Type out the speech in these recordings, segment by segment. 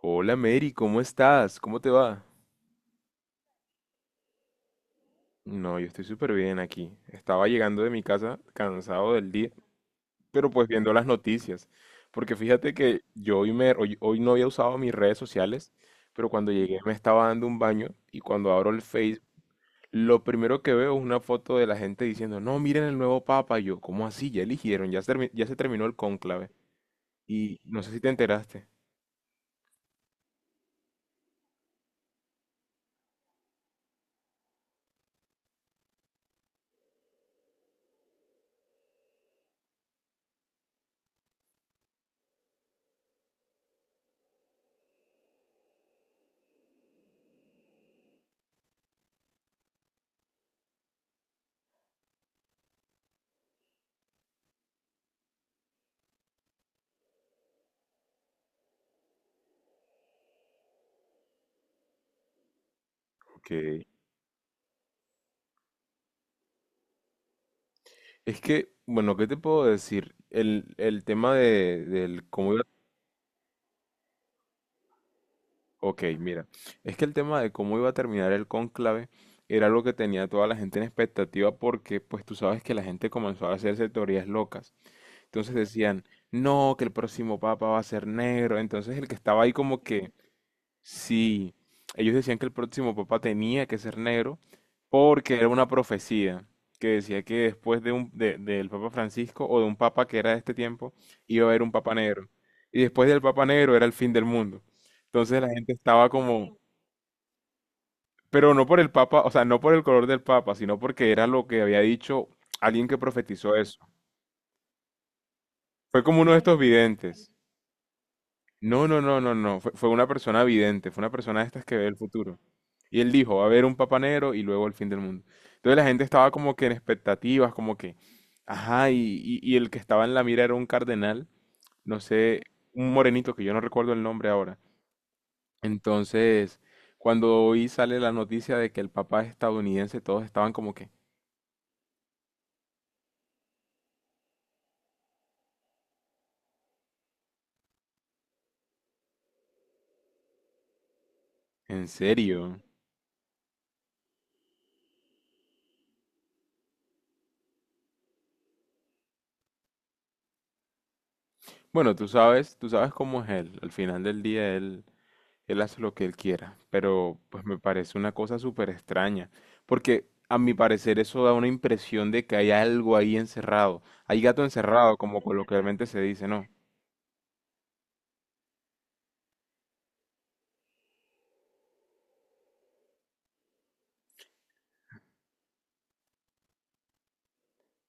Hola, Mary, ¿cómo estás? ¿Cómo te va? No, yo estoy súper bien aquí. Estaba llegando de mi casa cansado del día, pero pues viendo las noticias. Porque fíjate que yo hoy no había usado mis redes sociales, pero cuando llegué me estaba dando un baño y cuando abro el Facebook, lo primero que veo es una foto de la gente diciendo, no, miren el nuevo papa. Y yo, ¿cómo así? Ya se terminó el cónclave. Y no sé si te enteraste. Ok. Es que, bueno, ¿qué te puedo decir? El tema de, del cómo... Ok, mira, es que el tema de cómo iba a terminar el cónclave era lo que tenía toda la gente en expectativa, porque pues tú sabes que la gente comenzó a hacerse teorías locas. Entonces decían, no, que el próximo papa va a ser negro. Entonces el que estaba ahí como que... Sí, ellos decían que el próximo papa tenía que ser negro porque era una profecía que decía que después de del papa Francisco, o de un papa que era de este tiempo, iba a haber un papa negro. Y después del papa negro era el fin del mundo. Entonces la gente estaba como... pero no por el papa, o sea, no por el color del papa, sino porque era lo que había dicho alguien que profetizó eso. Fue como uno de estos videntes. No, no, no, no, no. Fue una persona vidente, fue una persona de estas que ve el futuro. Y él dijo, va a haber un papa negro y luego el fin del mundo. Entonces la gente estaba como que en expectativas, como que, ajá, y el que estaba en la mira era un cardenal, no sé, un morenito que yo no recuerdo el nombre ahora. Entonces, cuando hoy sale la noticia de que el papá es estadounidense, todos estaban como que, ¿en serio? Bueno, tú sabes cómo es él. Al final del día él... Él hace lo que él quiera, pero pues me parece una cosa súper extraña, porque a mi parecer eso da una impresión de que hay algo ahí encerrado, hay gato encerrado, como coloquialmente se dice, ¿no?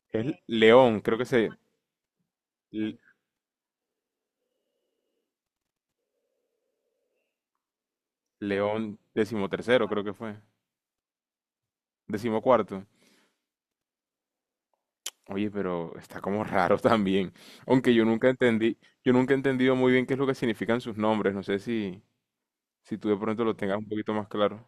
Es León, creo que se... L- León XIII, creo que fue, XIV. Oye, pero está como raro también, aunque yo nunca entendí, yo nunca he entendido muy bien qué es lo que significan sus nombres, no sé si, si tú de pronto lo tengas un poquito más claro.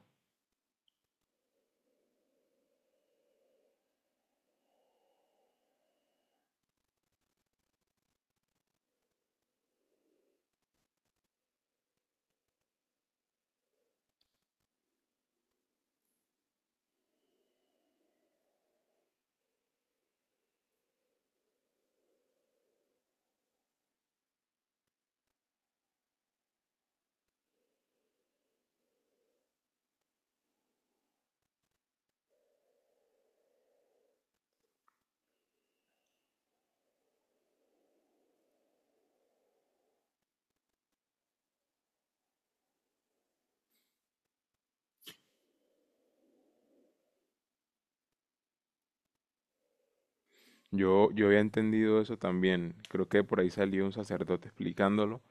Yo había entendido eso también. Creo que por ahí salió un sacerdote explicándolo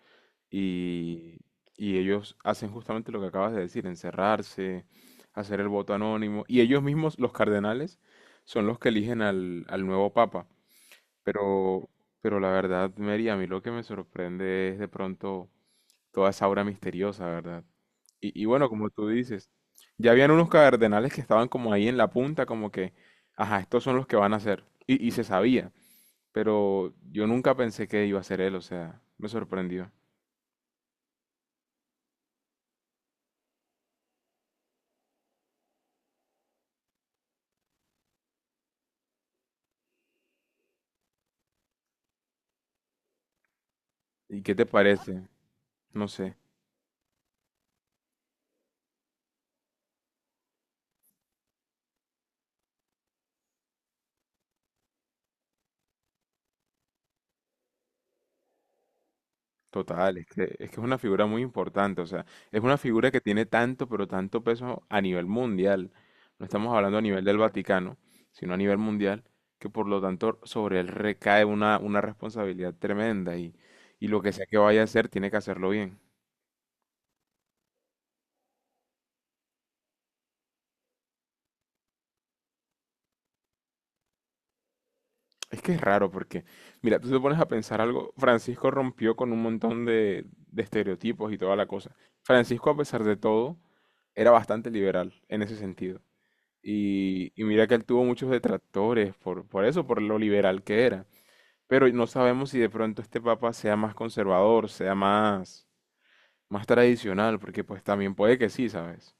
y, y ellos hacen justamente lo que acabas de decir, encerrarse, hacer el voto anónimo. Y ellos mismos, los cardenales, son los que eligen al nuevo papa. Pero, pero la verdad, Mary, a mí lo que me sorprende es de pronto toda esa aura misteriosa, ¿verdad? Y bueno, como tú dices, ya habían unos cardenales que estaban como ahí en la punta, como que, ajá, estos son los que van a ser. Y se sabía, pero yo nunca pensé que iba a ser él, o sea, me sorprendió. ¿Y qué te parece? No sé. Total, es que, es que es una figura muy importante, o sea, es una figura que tiene tanto, pero tanto peso a nivel mundial. No estamos hablando a nivel del Vaticano, sino a nivel mundial, que por lo tanto sobre él recae una responsabilidad tremenda y lo que sea que vaya a hacer, tiene que hacerlo bien. Es que es raro porque, mira, tú te pones a pensar algo, Francisco rompió con un montón de estereotipos y toda la cosa. Francisco, a pesar de todo, era bastante liberal en ese sentido. Y mira que él tuvo muchos detractores por eso, por lo liberal que era. Pero no sabemos si de pronto este papa sea más conservador, sea más, más tradicional, porque pues también puede que sí, ¿sabes?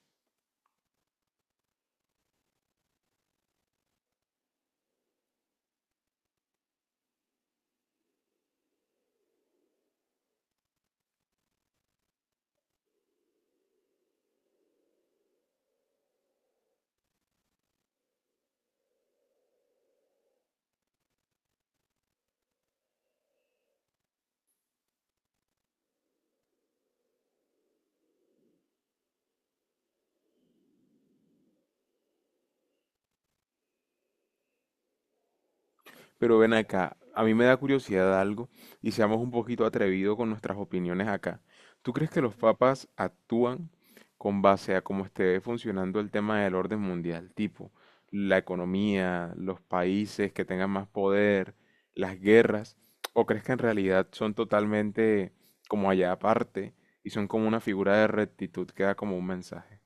Pero ven acá, a mí me da curiosidad algo, y seamos un poquito atrevidos con nuestras opiniones acá. ¿Tú crees que los papas actúan con base a cómo esté funcionando el tema del orden mundial? Tipo, la economía, los países que tengan más poder, las guerras. ¿O crees que en realidad son totalmente como allá aparte y son como una figura de rectitud que da como un mensaje?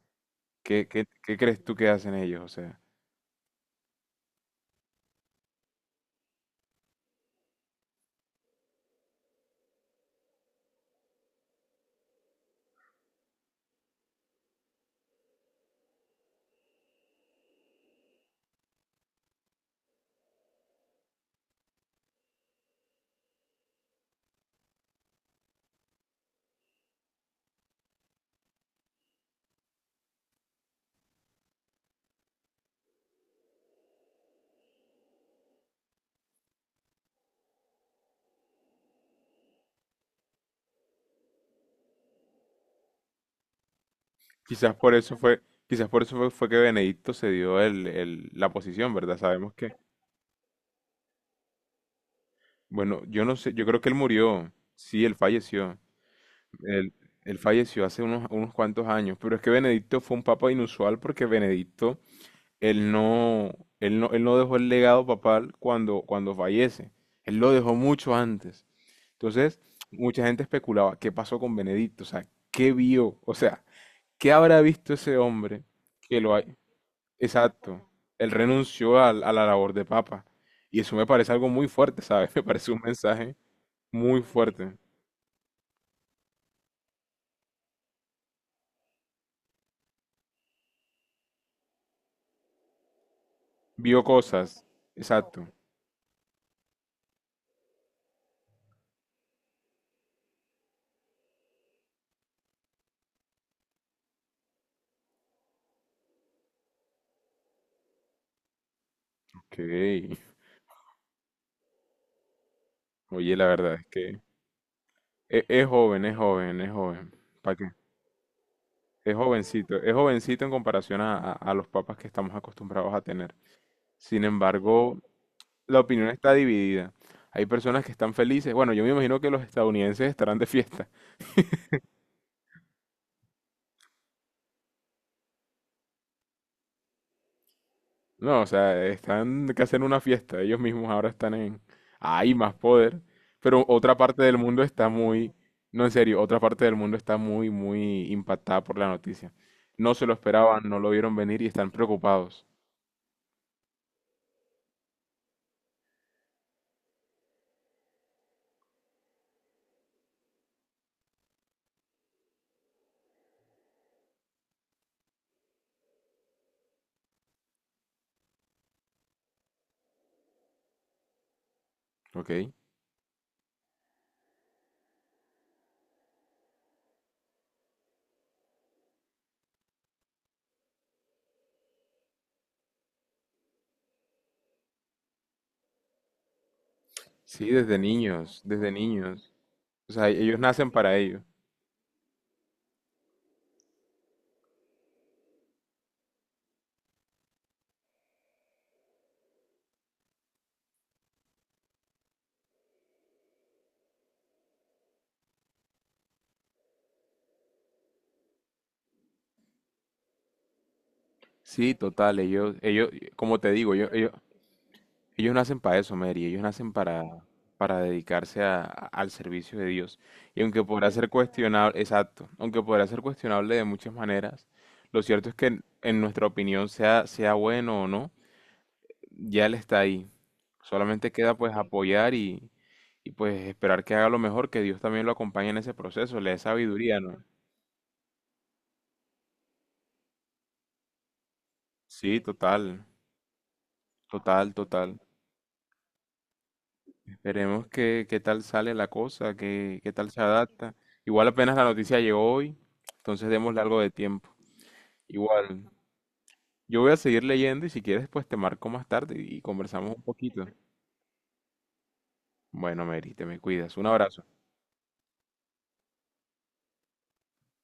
¿Qué crees tú que hacen ellos? O sea... Quizás por eso fue, quizás por eso fue que Benedicto se dio la posición, ¿verdad? Sabemos que, bueno, yo no sé, yo creo que él murió, sí, él falleció, él, él falleció hace unos, unos cuantos años, pero es que Benedicto fue un papa inusual porque Benedicto, él no, él no, él no dejó el legado papal cuando, cuando fallece, él lo dejó mucho antes. Entonces, mucha gente especulaba, ¿qué pasó con Benedicto? O sea, ¿qué vio? O sea, ¿qué habrá visto ese hombre que lo hay? Exacto. Él renunció a la labor de papa. Y eso me parece algo muy fuerte, ¿sabes? Me parece un mensaje muy fuerte. Vio cosas. Exacto. Ok. Oye, la verdad es que es joven, es joven, es joven. ¿Para qué? Es jovencito en comparación a, a los papas que estamos acostumbrados a tener. Sin embargo, la opinión está dividida. Hay personas que están felices. Bueno, yo me imagino que los estadounidenses estarán de fiesta. No, o sea, están que hacen una fiesta. Ellos mismos ahora están en... Hay más poder. Pero otra parte del mundo está muy... No, en serio, otra parte del mundo está muy, muy impactada por la noticia. No se lo esperaban, no lo vieron venir y están preocupados. ¿Ok? Sí, desde niños, desde niños. O sea, ellos nacen para ello. Sí, total, ellos, como te digo, yo- ellos nacen para eso, Mary. Ellos nacen para dedicarse al servicio de Dios. Y aunque podrá ser cuestionable, exacto, aunque podrá ser cuestionable de muchas maneras, lo cierto es que en nuestra opinión, sea, sea bueno o no, ya Él está ahí. Solamente queda pues apoyar y pues esperar que haga lo mejor, que Dios también lo acompañe en ese proceso, le dé sabiduría, ¿no? Sí, total, total, total. Veremos qué, qué tal sale la cosa, qué, qué tal se adapta. Igual apenas la noticia llegó hoy, entonces démosle algo de tiempo. Igual, yo voy a seguir leyendo y si quieres, pues te marco más tarde y conversamos un poquito. Bueno, Mary, te me cuidas. Un abrazo.